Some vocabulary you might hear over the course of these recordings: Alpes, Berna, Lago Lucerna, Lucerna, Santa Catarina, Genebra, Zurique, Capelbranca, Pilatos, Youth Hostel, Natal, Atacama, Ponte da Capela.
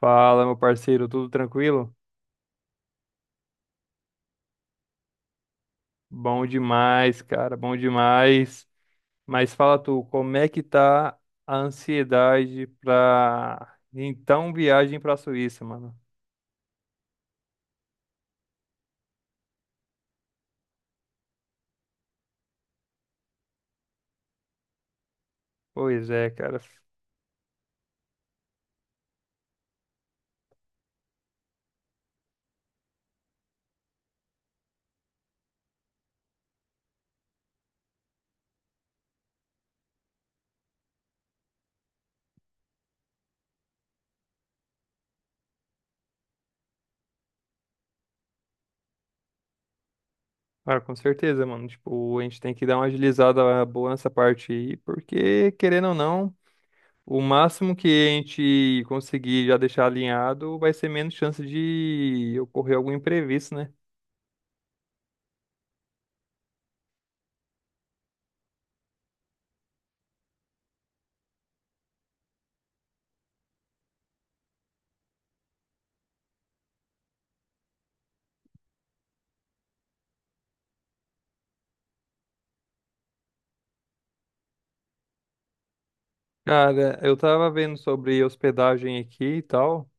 Fala, meu parceiro, tudo tranquilo? Bom demais, cara, bom demais. Mas fala tu, como é que tá a ansiedade pra então viagem pra Suíça, mano? Pois é, cara. Ah, com certeza, mano. Tipo, a gente tem que dar uma agilizada boa nessa parte aí, porque, querendo ou não, o máximo que a gente conseguir já deixar alinhado vai ser menos chance de ocorrer algum imprevisto, né? Cara, eu tava vendo sobre hospedagem aqui e tal.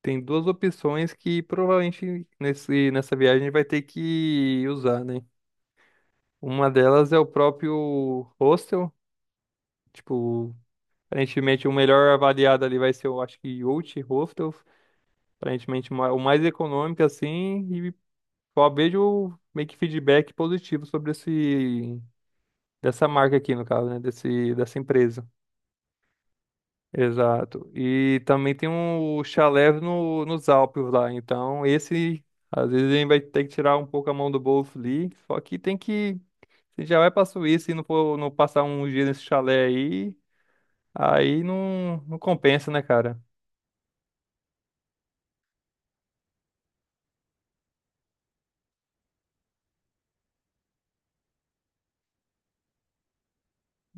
Tem duas opções que provavelmente nessa viagem vai ter que usar, né? Uma delas é o próprio hostel. Tipo, aparentemente o melhor avaliado ali vai ser, eu acho que Youth Hostel. Aparentemente o mais econômico, assim. E só vejo meio que feedback positivo sobre dessa marca aqui, no caso, né? Dessa empresa. Exato. E também tem um chalé no, nos Alpes lá. Então, esse, às vezes, a gente vai ter que tirar um pouco a mão do bolso ali. Só que tem que. Se já vai pra Suíça e for, não passar um dia nesse chalé aí, não compensa, né, cara?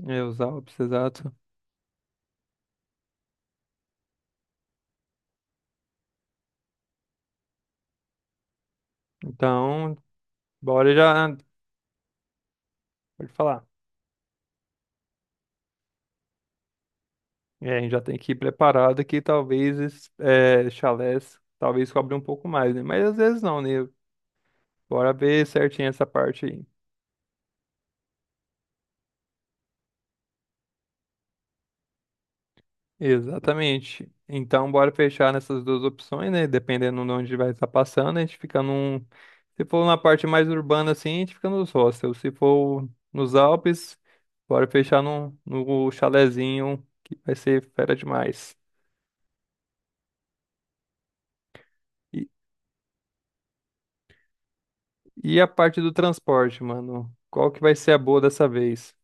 É, os Alpes, exato. Então, bora já. Pode falar. É, a gente já tem que ir preparado que talvez esses chalés talvez cobre um pouco mais, né? Mas às vezes não, né? Bora ver certinho essa parte aí. Exatamente. Então, bora fechar nessas duas opções, né? Dependendo de onde vai estar passando, a gente fica num. Se for na parte mais urbana assim, a gente fica nos hostels. Se for nos Alpes, bora fechar no chalezinho, que vai ser fera demais. E, e a parte do transporte, mano? Qual que vai ser a boa dessa vez?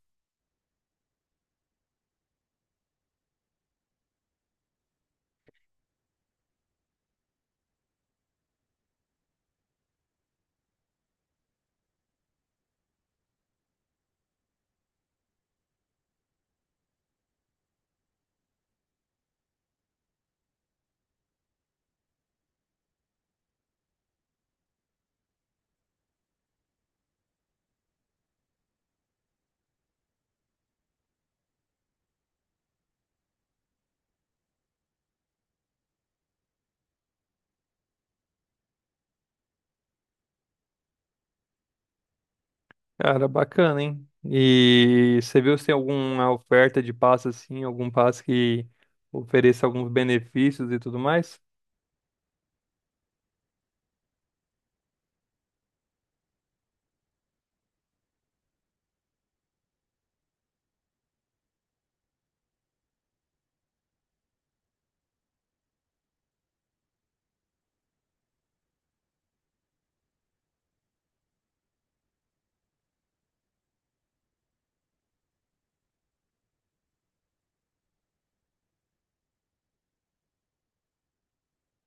Cara, bacana, hein? E você viu se tem alguma oferta de passe assim, algum passe que ofereça alguns benefícios e tudo mais?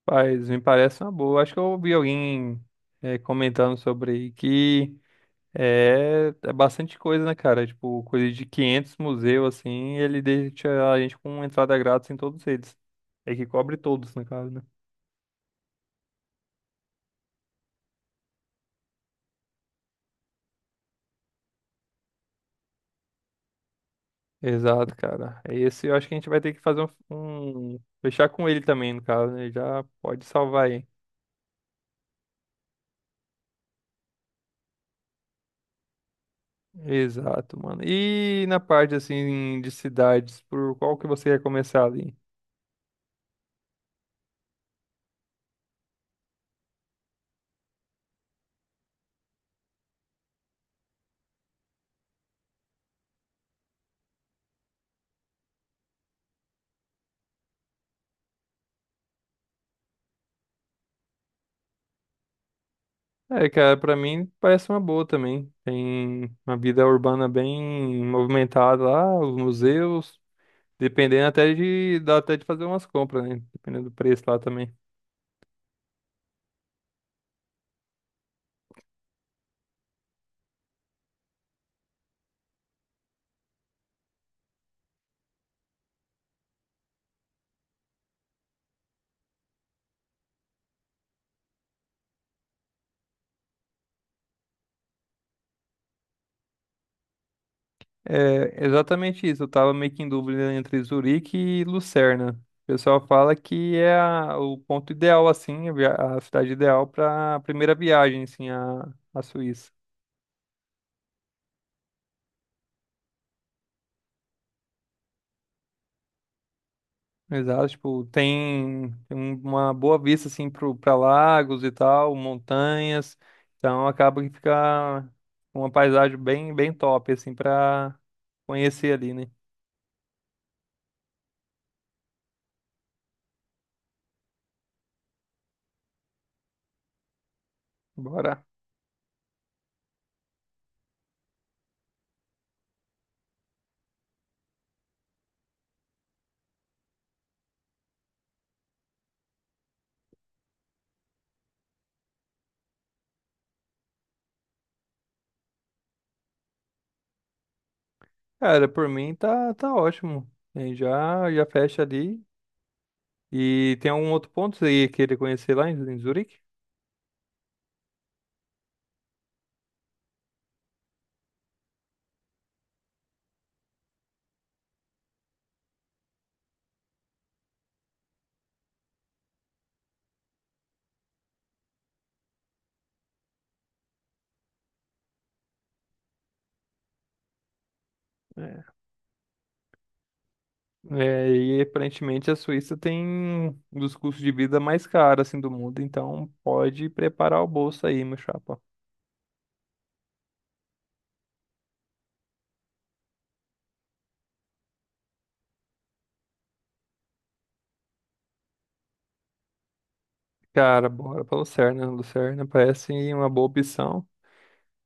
Rapaz, me parece uma boa. Acho que eu ouvi alguém comentando sobre que é, é bastante coisa, né, cara? Tipo, coisa de 500 museus, assim, ele deixa a gente com entrada grátis em todos eles. É que cobre todos, no caso, né? Exato, cara. Esse eu acho que a gente vai ter que fazer fechar com ele também, no caso, né? Já pode salvar aí. Exato, mano. E na parte, assim, de cidades, por qual que você quer começar ali? É, cara, pra mim parece uma boa também. Tem uma vida urbana bem movimentada lá, os museus, dependendo dá até de fazer umas compras, né? Dependendo do preço lá também. É, exatamente isso. Eu tava meio que em dúvida entre Zurique e Lucerna. O pessoal fala que é o ponto ideal, assim, a cidade ideal pra primeira viagem, assim, à Suíça. Exato, tipo, tem um, uma boa vista assim pra lagos e tal, montanhas. Então acaba que fica uma paisagem bem top, assim, pra conhecer ali, né? Bora. Cara, por mim tá ótimo. Já fecha ali. E tem algum outro ponto que você ia querer conhecer lá em Zurique? É. É, e aparentemente a Suíça tem um dos custos de vida mais caros assim do mundo, então pode preparar o bolso aí, meu chapa. Cara, bora pra Lucerna. Lucerna parece uma boa opção.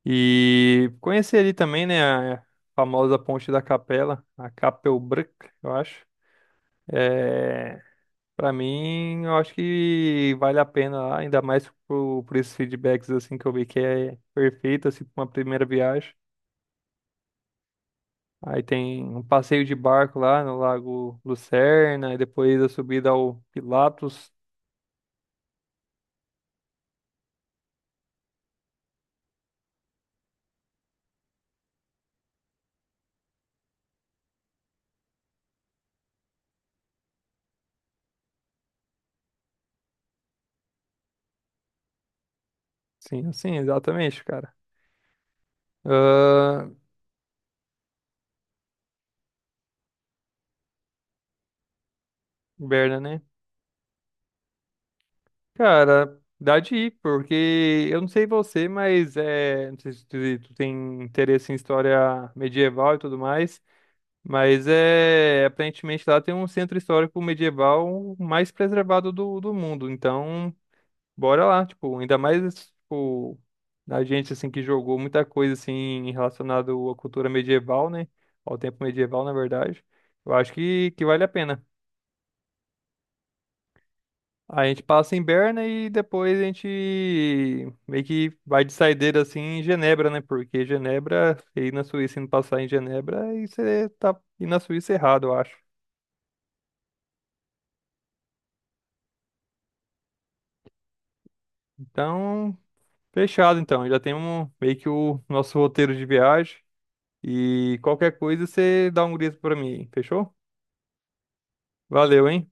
E conhecer ali também, né, a famosa Ponte da Capela, a Capelbranca, eu acho. É, para mim, eu acho que vale a pena lá, ainda mais por esses feedbacks assim que eu vi que é perfeito assim para uma primeira viagem. Aí tem um passeio de barco lá no Lago Lucerna e depois a subida ao Pilatos. Sim, sim, exatamente, cara. Ahn, Berna, né? Cara, dá de ir, porque eu não sei você, mas é, não sei se tu, tu tem interesse em história medieval e tudo mais, mas é, aparentemente lá tem um centro histórico medieval mais preservado do mundo, então bora lá, tipo, ainda mais, tipo, a gente, assim, que jogou muita coisa, assim, relacionado à cultura medieval, né, ao tempo medieval, na verdade, eu acho que vale a pena. A gente passa em Berna e depois a gente meio que vai de saideira assim em Genebra, né? Porque Genebra, você ir na Suíça e não passar em Genebra, aí você tá indo na Suíça errado, eu acho. Então, fechado então. Já temos meio que o nosso roteiro de viagem. E qualquer coisa você dá um grito pra mim, fechou? Valeu, hein?